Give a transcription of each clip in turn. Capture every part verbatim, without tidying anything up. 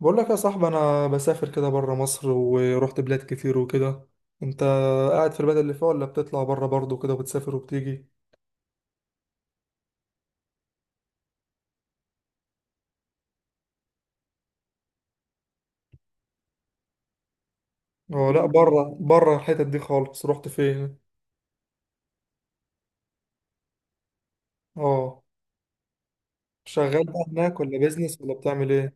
بقول لك يا صاحبي انا بسافر كده بره مصر ورحت بلاد كتير وكده. انت قاعد في البلد اللي فيها ولا بتطلع بره برضه كده وبتسافر وبتيجي؟ اه لا، مم. بره بره الحتت دي خالص، رحت فين؟ اه، شغال بقى هناك ولا بيزنس ولا بتعمل ايه؟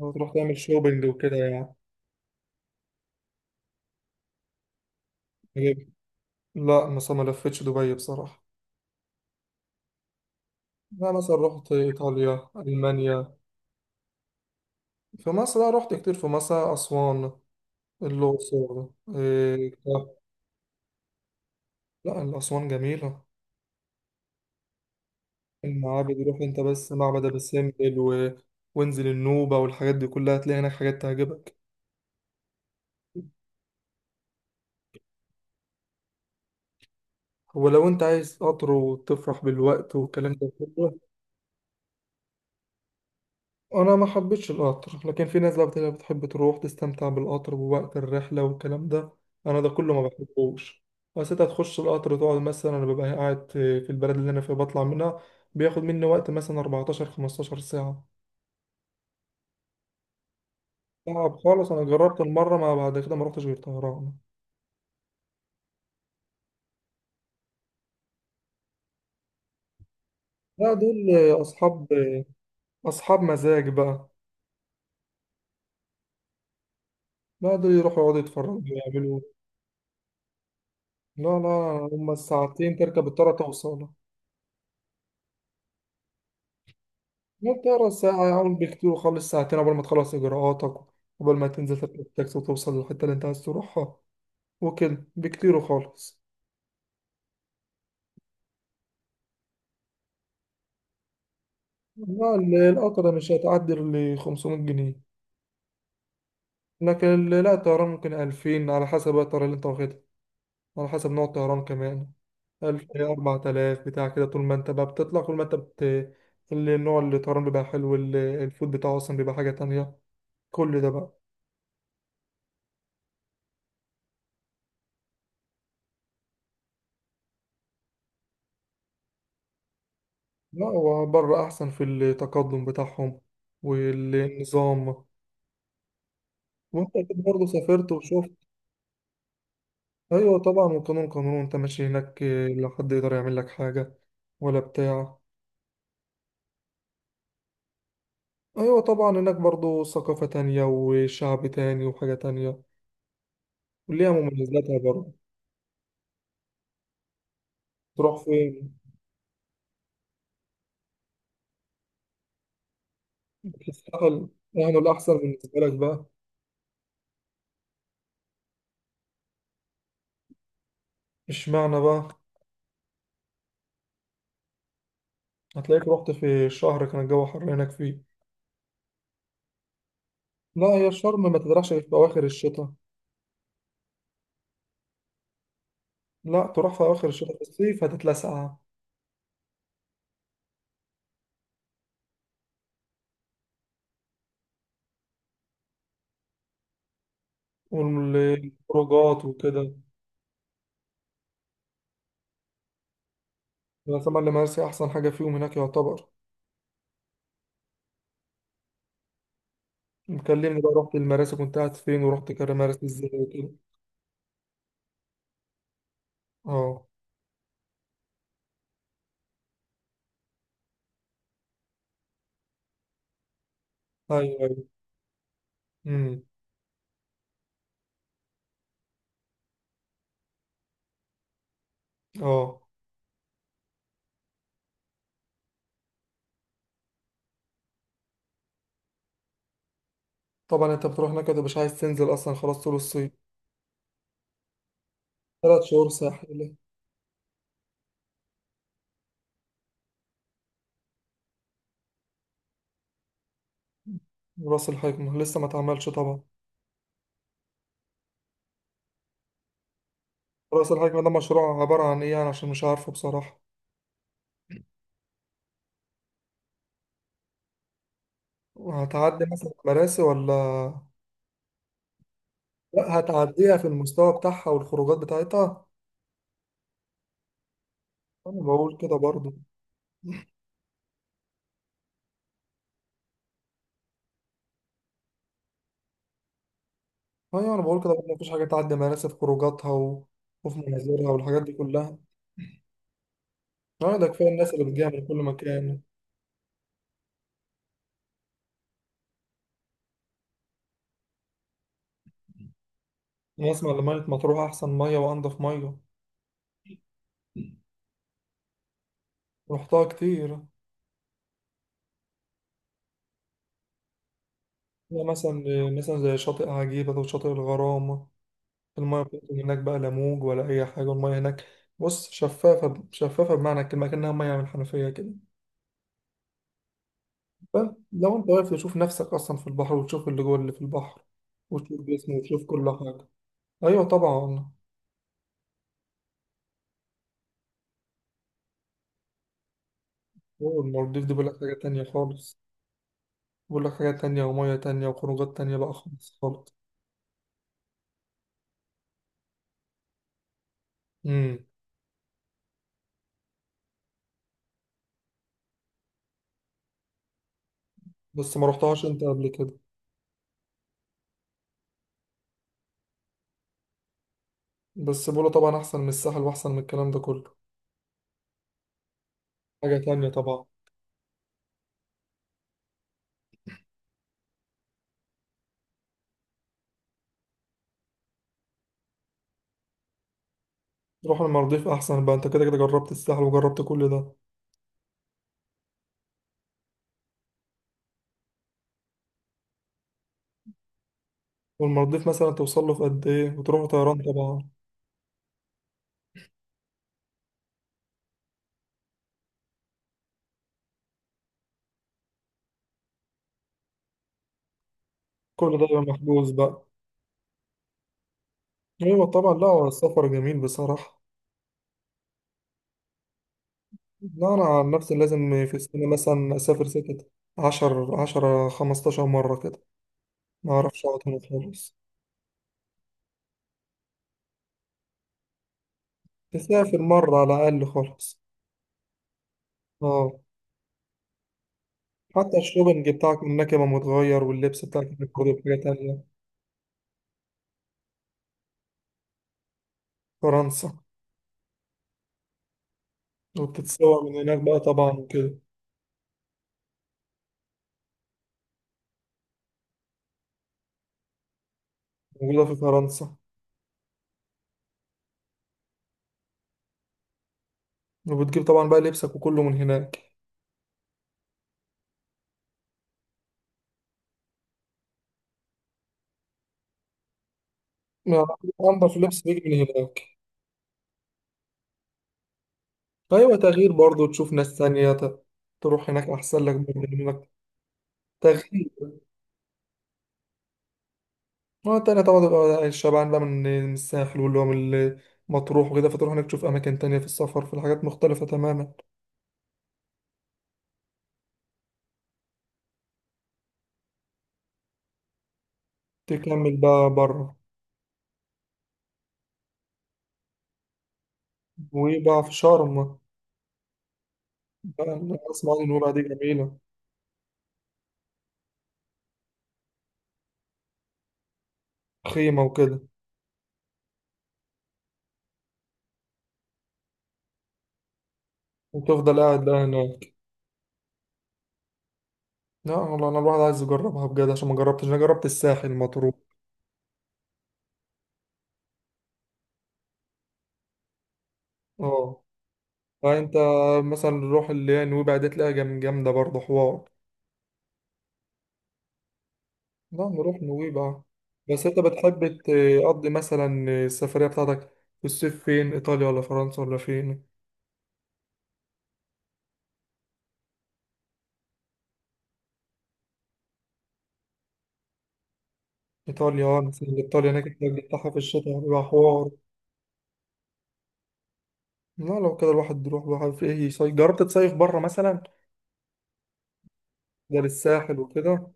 لو تروح تعمل شوبينج وكده يعني. إيه؟ لا مثلا ما لفتش دبي بصراحة. لا مثلا رحت ايطاليا المانيا. في مصر، لا رحت كتير في مصر، اسوان، الاقصر. إيه. لا الاسوان جميلة. المعابد روح انت بس معبد ابو سمبل و... وانزل النوبة والحاجات دي كلها هتلاقي هناك حاجات تعجبك. ولو انت عايز قطر وتفرح بالوقت والكلام ده كله. انا ما حبيتش القطر، لكن في ناس بقى بتلاقي بتحب تروح تستمتع بالقطر ووقت الرحلة والكلام ده. انا ده كله ما بحبوش. بس انت هتخش القطر تقعد مثلا، انا ببقى قاعد في البلد اللي انا فيها بطلع منها. بياخد مني وقت مثلا أربعة عشر خمسة عشر ساعة. صعب خالص، انا جربت المرة ما بعد كده ما رحتش غير طهران. لا دول أصحاب أصحاب مزاج بقى. بعدوا يروحوا يقعدوا يتفرجوا ويعملوا. لا لا. هما الساعتين تركب الطيارة توصل. ما الطيارة ساعة أول بكتير، وخلص ساعتين قبل ما تخلص إجراءاتك، قبل ما تنزل تركب التاكسي وتوصل للحتة اللي أنت عايز تروحها وكده بكتير وخالص. لا ال- القطر ده مش هتعدي ل خمسمية جنيه. لكن ال- لا الطيران ممكن ألفين على حسب بقى الطيارة اللي أنت واخدها، على حسب نوع الطيران كمان. ألف أربعة آلاف بتاع كده، طول ما أنت بقى بتطلع، كل ما أنت بت اللي- النوع اللي الطيران بيبقى حلو، ال- الفود بتاعه أصلا بيبقى حاجة تانية. كل ده بقى. لا هو بره أحسن في التقدم بتاعهم والنظام. وأنت أكيد برضه سافرت وشفت. أيوة طبعا، والقانون قانون، أنت ماشي هناك، آه، لا حد يقدر يعمل لك حاجة ولا بتاع. أيوة طبعا، هناك برضه ثقافة تانية وشعب تاني وحاجة تانية وليها مميزاتها برضه. تروح فين؟ بتستاهل. يعني الأحسن بالنسبة لك بقى. اشمعنى بقى؟ هتلاقيك رحت في شهر كان الجو حر هناك فيه. لا هي شرم ما تروحش في أواخر الشتاء. لا تروح في أواخر الشتاء، في الصيف هتتلسع. والخروجات وكده. بس طبعا المراسي أحسن حاجة فيهم هناك، يعتبر. مكلمني بقى، رحت المراسي كنت قاعد فين ورحت مراسي ازاي وكده. اه. ايوه ايوه. امم. اه. طبعا انت بتروح هناك انت مش عايز تنزل اصلا خلاص طول الصيف. ثلاث شهور ساحل. راس الحكمة لسه ما اتعملش طبعا. رأس الحكمة ده مشروع عبارة عن إيه يعني، عشان مش عارفه بصراحة. هتعدي مثلا مراسي ولا؟ لا هتعديها في المستوى بتاعها والخروجات بتاعتها. أنا بقول كده برضه. أيوة، أنا بقول كده برضه، مفيش حاجة تعدي مراسي في خروجاتها و... وفي مناظرها والحاجات دي كلها. أه ده كفاية الناس اللي بتجيها من كل مكان. أنا أسمع إن مية مطروح أحسن مية وأنضف مية. رحتها كتير. هي مثلا، مثلا زي شاطئ عجيبة وشاطئ الغرام. المية بتاعتهم هناك بقى لا موج ولا أي حاجة، المية هناك بص شفافة شفافة بمعنى الكلمة، كأنها مية من حنفية كده. فلو أنت واقف تشوف نفسك أصلا في البحر، وتشوف اللي جوه اللي في البحر، وتشوف جسمه وتشوف كل حاجة. أيوة طبعا. هو المالديف دي بقول لك حاجة تانية خالص، بقول لك حاجة تانية ومية تانية وخروجات تانية بقى، خالص خالص. امم. بس ما رحتهاش أنت قبل كده. بس بقوله طبعا أحسن من الساحل وأحسن من الكلام ده كله. حاجة تانية طبعا. روح المالديف أحسن بقى، أنت كده كده جربت الساحل وجربت كل ده. والمالديف مثلا توصل له في قد إيه؟ وتروحوا طيران طبعا. كل ده يبقى محجوز بقى. أيوة طبعا، لا هو السفر جميل بصراحة. لا أنا عن نفسي لازم في السنة مثلا أسافر ستة عشر عشرة خمستاشر مرة كده. ما أعرفش أقعد هنا خالص. تسافر مرة على الأقل خالص. أه. حتى الشوبنج بتاعك هناك يبقى متغير، واللبس بتاعك هناك برضه بحاجة تانية. فرنسا. وبتتصور من هناك بقى طبعا وكده. موجودة في فرنسا. وبتجيب طبعا بقى لبسك وكله من هناك. ما- أنضف لبس بيجي من هناك. ايوه، تغيير برضه، تشوف ناس تانية ت- تروح هناك احسن لك من انك تغيير مرة تانية طبعا، تبقى شبعان بقى من من الساحل واللي هو من مطروح وكده، فتروح هناك تشوف اماكن تانية في السفر، في حاجات مختلفة تماما. تكمل بقى بره. وبقى في شرم. بقى اسمع إن النوبة دي جميلة. خيمة وكده. وتفضل قاعد بقى هناك. لا والله انا الواحد عايز يجربها بجد عشان ما جربتش، انا جربت الساحل مطروح. اه. فانت مثلا روح اللي هي نويبع دي، تلاقيها جام- جامدة برضه، حوار. لا نروح نويبع بقى. بس انت بتحب تقضي مثلا السفرية بتاعتك في الصيف فين، ايطاليا ولا فرنسا ولا فين؟ ايطاليا، اه مثلا ايطاليا هناك الجو بتاعها في الشتاء بيبقى حوار. لا لو كده الواحد يروح، الواحد في ايه، يصيف؟ جربت تصيف بره مثلا غير الساحل وكده؟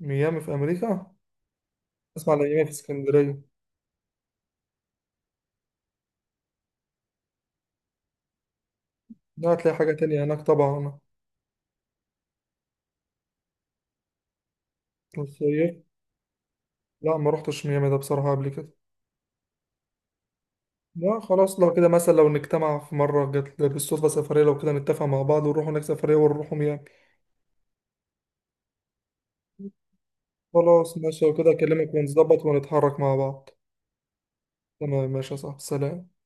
ميامي في امريكا. اسمع على ميامي في اسكندرية. لا هتلاقي حاجة تانية هناك طبعا. الصيف. لا ما روحتش ميامي ده بصراحة قبل كده. لا خلاص، لو كده مثلا لو نجتمع في مرة، جت بالصدفة سفرية، لو كده نتفق مع بعض ونروح هناك سفرية ونروح ميامي. خلاص ماشي، وكده اكلمك ونظبط ونتحرك مع بعض. تمام، ماشي يا صاحبي، سلام.